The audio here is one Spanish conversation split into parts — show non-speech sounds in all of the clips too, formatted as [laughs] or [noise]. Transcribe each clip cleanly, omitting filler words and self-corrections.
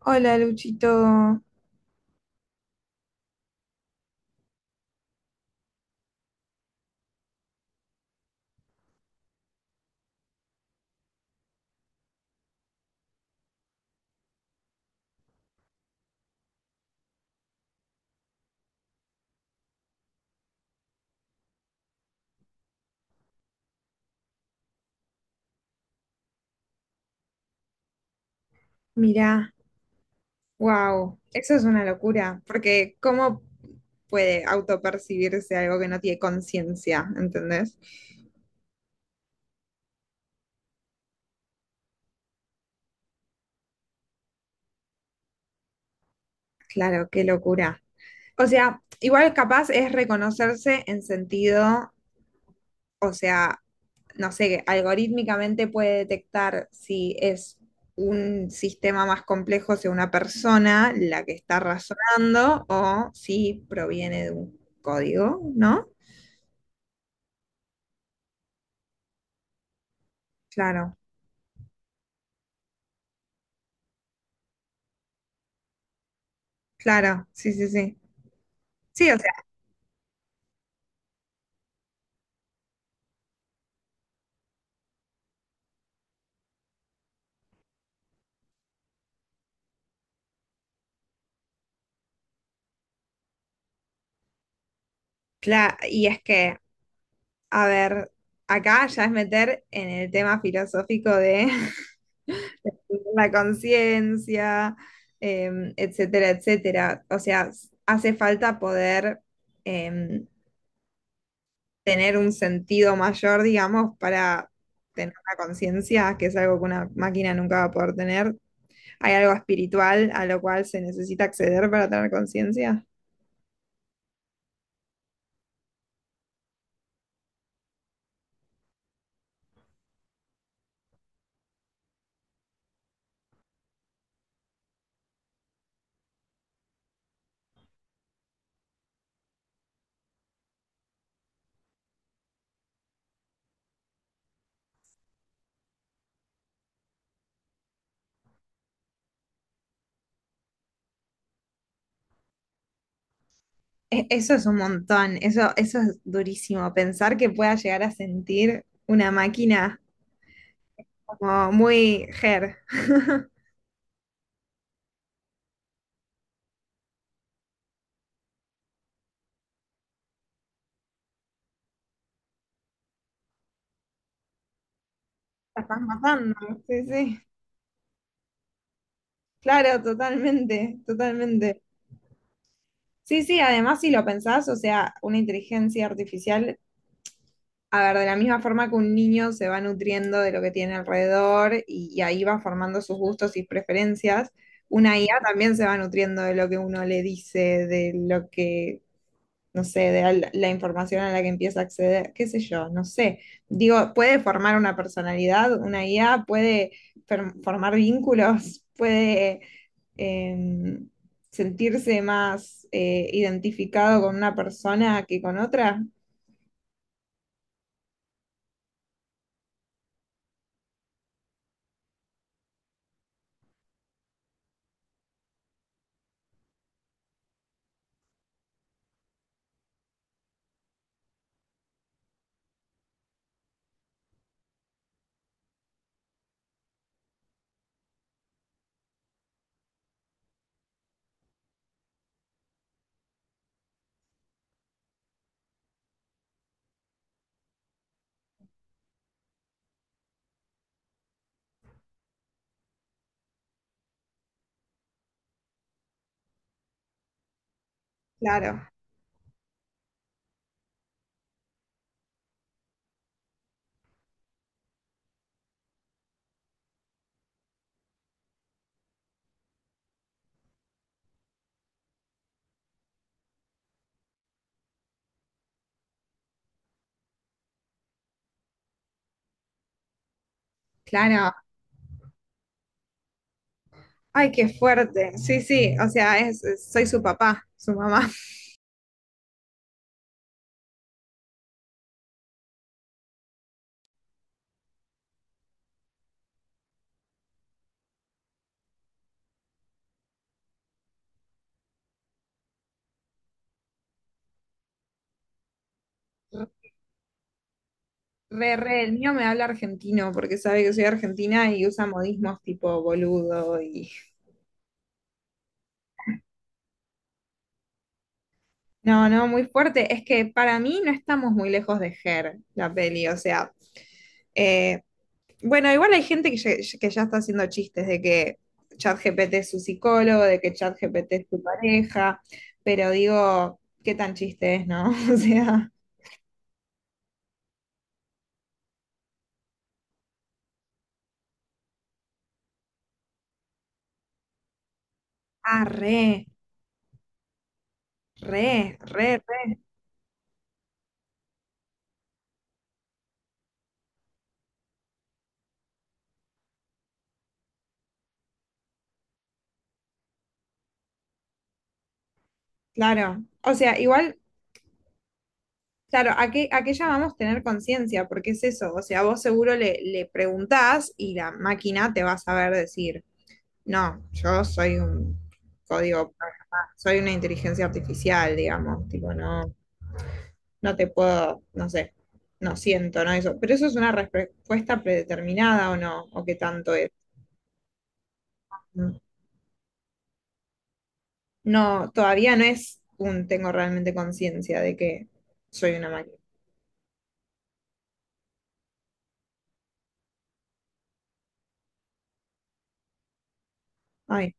Hola, Luchito. Mirá, wow, eso es una locura, porque ¿cómo puede autopercibirse algo que no tiene conciencia? ¿Entendés? Claro, qué locura. O sea, igual capaz es reconocerse en sentido, o sea, no sé, que algorítmicamente puede detectar si es un sistema más complejo, si una persona la que está razonando o si proviene de un código, ¿no? Claro. Claro, sí, sí, sí. Sí, o sea, claro, y es que, a ver, acá ya es meter en el tema filosófico de [laughs] la conciencia, etcétera, etcétera. O sea, hace falta poder em, tener un sentido mayor, digamos, para tener una conciencia, que es algo que una máquina nunca va a poder tener. ¿Hay algo espiritual a lo cual se necesita acceder para tener conciencia? Eso es un montón, eso es durísimo, pensar que pueda llegar a sentir una máquina como muy her. [laughs] La estás matando, sí, sí. Claro, totalmente, totalmente. Sí, sí, además si lo pensás, o sea, una inteligencia artificial. A ver, de la misma forma que un niño se va nutriendo de lo que tiene alrededor y ahí va formando sus gustos y preferencias, una IA también se va nutriendo de lo que uno le dice, de lo que, no sé, de la información a la que empieza a acceder, qué sé yo, no sé. Digo, puede formar una personalidad, una IA puede formar vínculos, [laughs] puede em, sentirse más identificado con una persona que con otra. Claro, claro. Ay, qué fuerte. Sí, sí, o sea, soy su papá, su mamá. [laughs] Re, re, el mío me habla argentino porque sabe que soy argentina y usa modismos tipo boludo y... No, no, muy fuerte. Es que para mí no estamos muy lejos de Her, la peli, o sea... eh, bueno, igual hay gente que ya está haciendo chistes de que ChatGPT es su psicólogo, de que ChatGPT es tu pareja, pero digo, qué tan chiste es, ¿no? [laughs] O sea... Ah, re, re, re. Claro, o sea, igual, claro, ¿ a qué llamamos tener conciencia? Porque es eso, o sea, vos seguro le preguntás y la máquina te va a saber decir, no, yo soy un código programado, soy una inteligencia artificial, digamos, tipo, no, no te puedo, no sé, no siento, no eso, pero eso es una respuesta predeterminada o no, o qué tanto es. Mm. No, todavía no es un tengo realmente conciencia de que soy una máquina. Ay.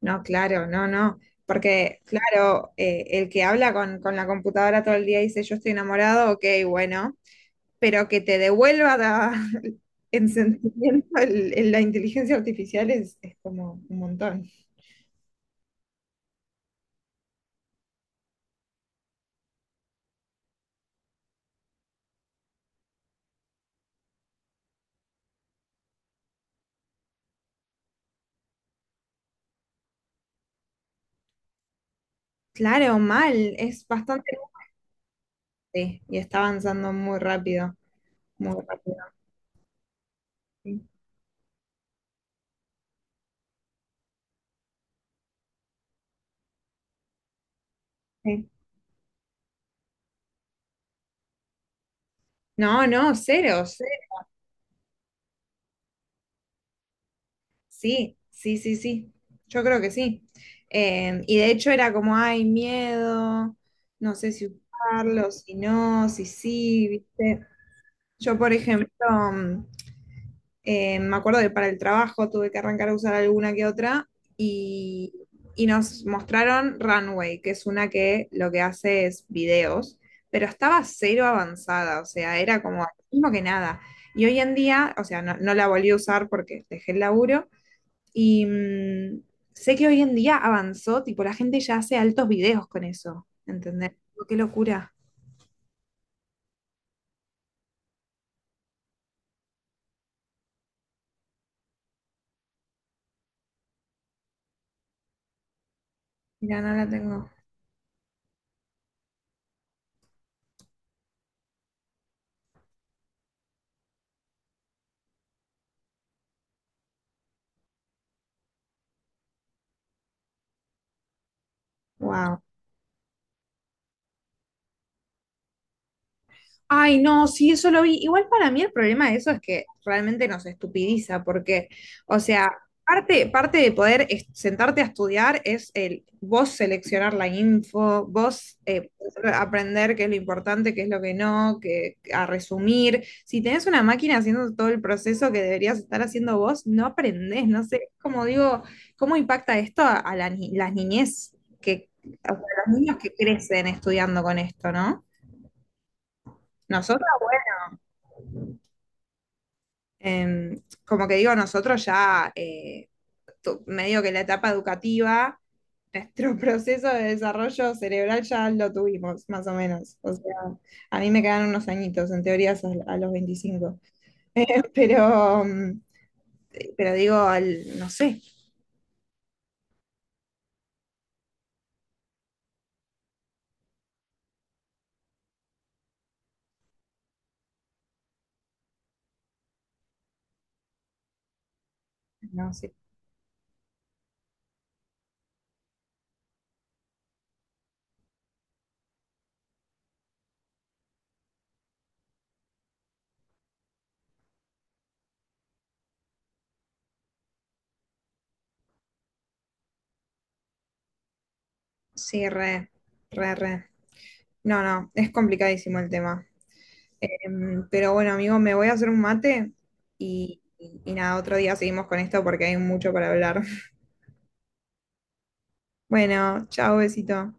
No, claro, no, no. Porque, claro, el que habla con la computadora todo el día y dice yo estoy enamorado, ok, bueno, pero que te devuelva [laughs] en sentimiento la inteligencia artificial es como un montón. Claro, mal, es bastante sí, y está avanzando muy rápido, muy rápido. Sí, sí. No, no, cero, cero. Sí, sí, sí, sí. Yo creo que sí. Y de hecho era como, ay, miedo, no sé si usarlo, si no, si sí, ¿viste? Yo, por ejemplo, mm, me acuerdo que para el trabajo tuve que arrancar a usar alguna que otra y, y nos mostraron Runway, que es una que lo que hace es videos, pero estaba cero avanzada, o sea, era como lo mismo que nada. Y hoy en día, o sea, no, no la volví a usar porque dejé el laburo y sé que hoy en día avanzó, tipo, la gente ya hace altos videos con eso, ¿entendés? Tipo, qué locura. Mira, no la tengo. Wow. Ay, no, sí, eso lo vi. Igual para mí el problema de eso es que realmente nos estupidiza, porque, o sea, parte de poder sentarte a estudiar es el vos seleccionar la info, vos aprender qué es lo importante, qué es lo que no, que, a resumir. Si tenés una máquina haciendo todo el proceso que deberías estar haciendo vos, no aprendés, no sé, como digo, ¿cómo impacta esto a la las niñez que, a los niños que crecen estudiando con esto, ¿no? Nosotros. Como que digo, nosotros ya, medio que la etapa educativa, nuestro [laughs] proceso de desarrollo cerebral ya lo tuvimos, más o menos. O sea, a mí me quedan unos añitos, en teoría es a los 25. [laughs] Pero, pero digo, no sé, no sé. Sí, re, re, re. No, no, es complicadísimo el tema. Pero bueno, amigo, me voy a hacer un mate y nada, otro día seguimos con esto porque hay mucho para hablar. [laughs] Bueno, chao, besito.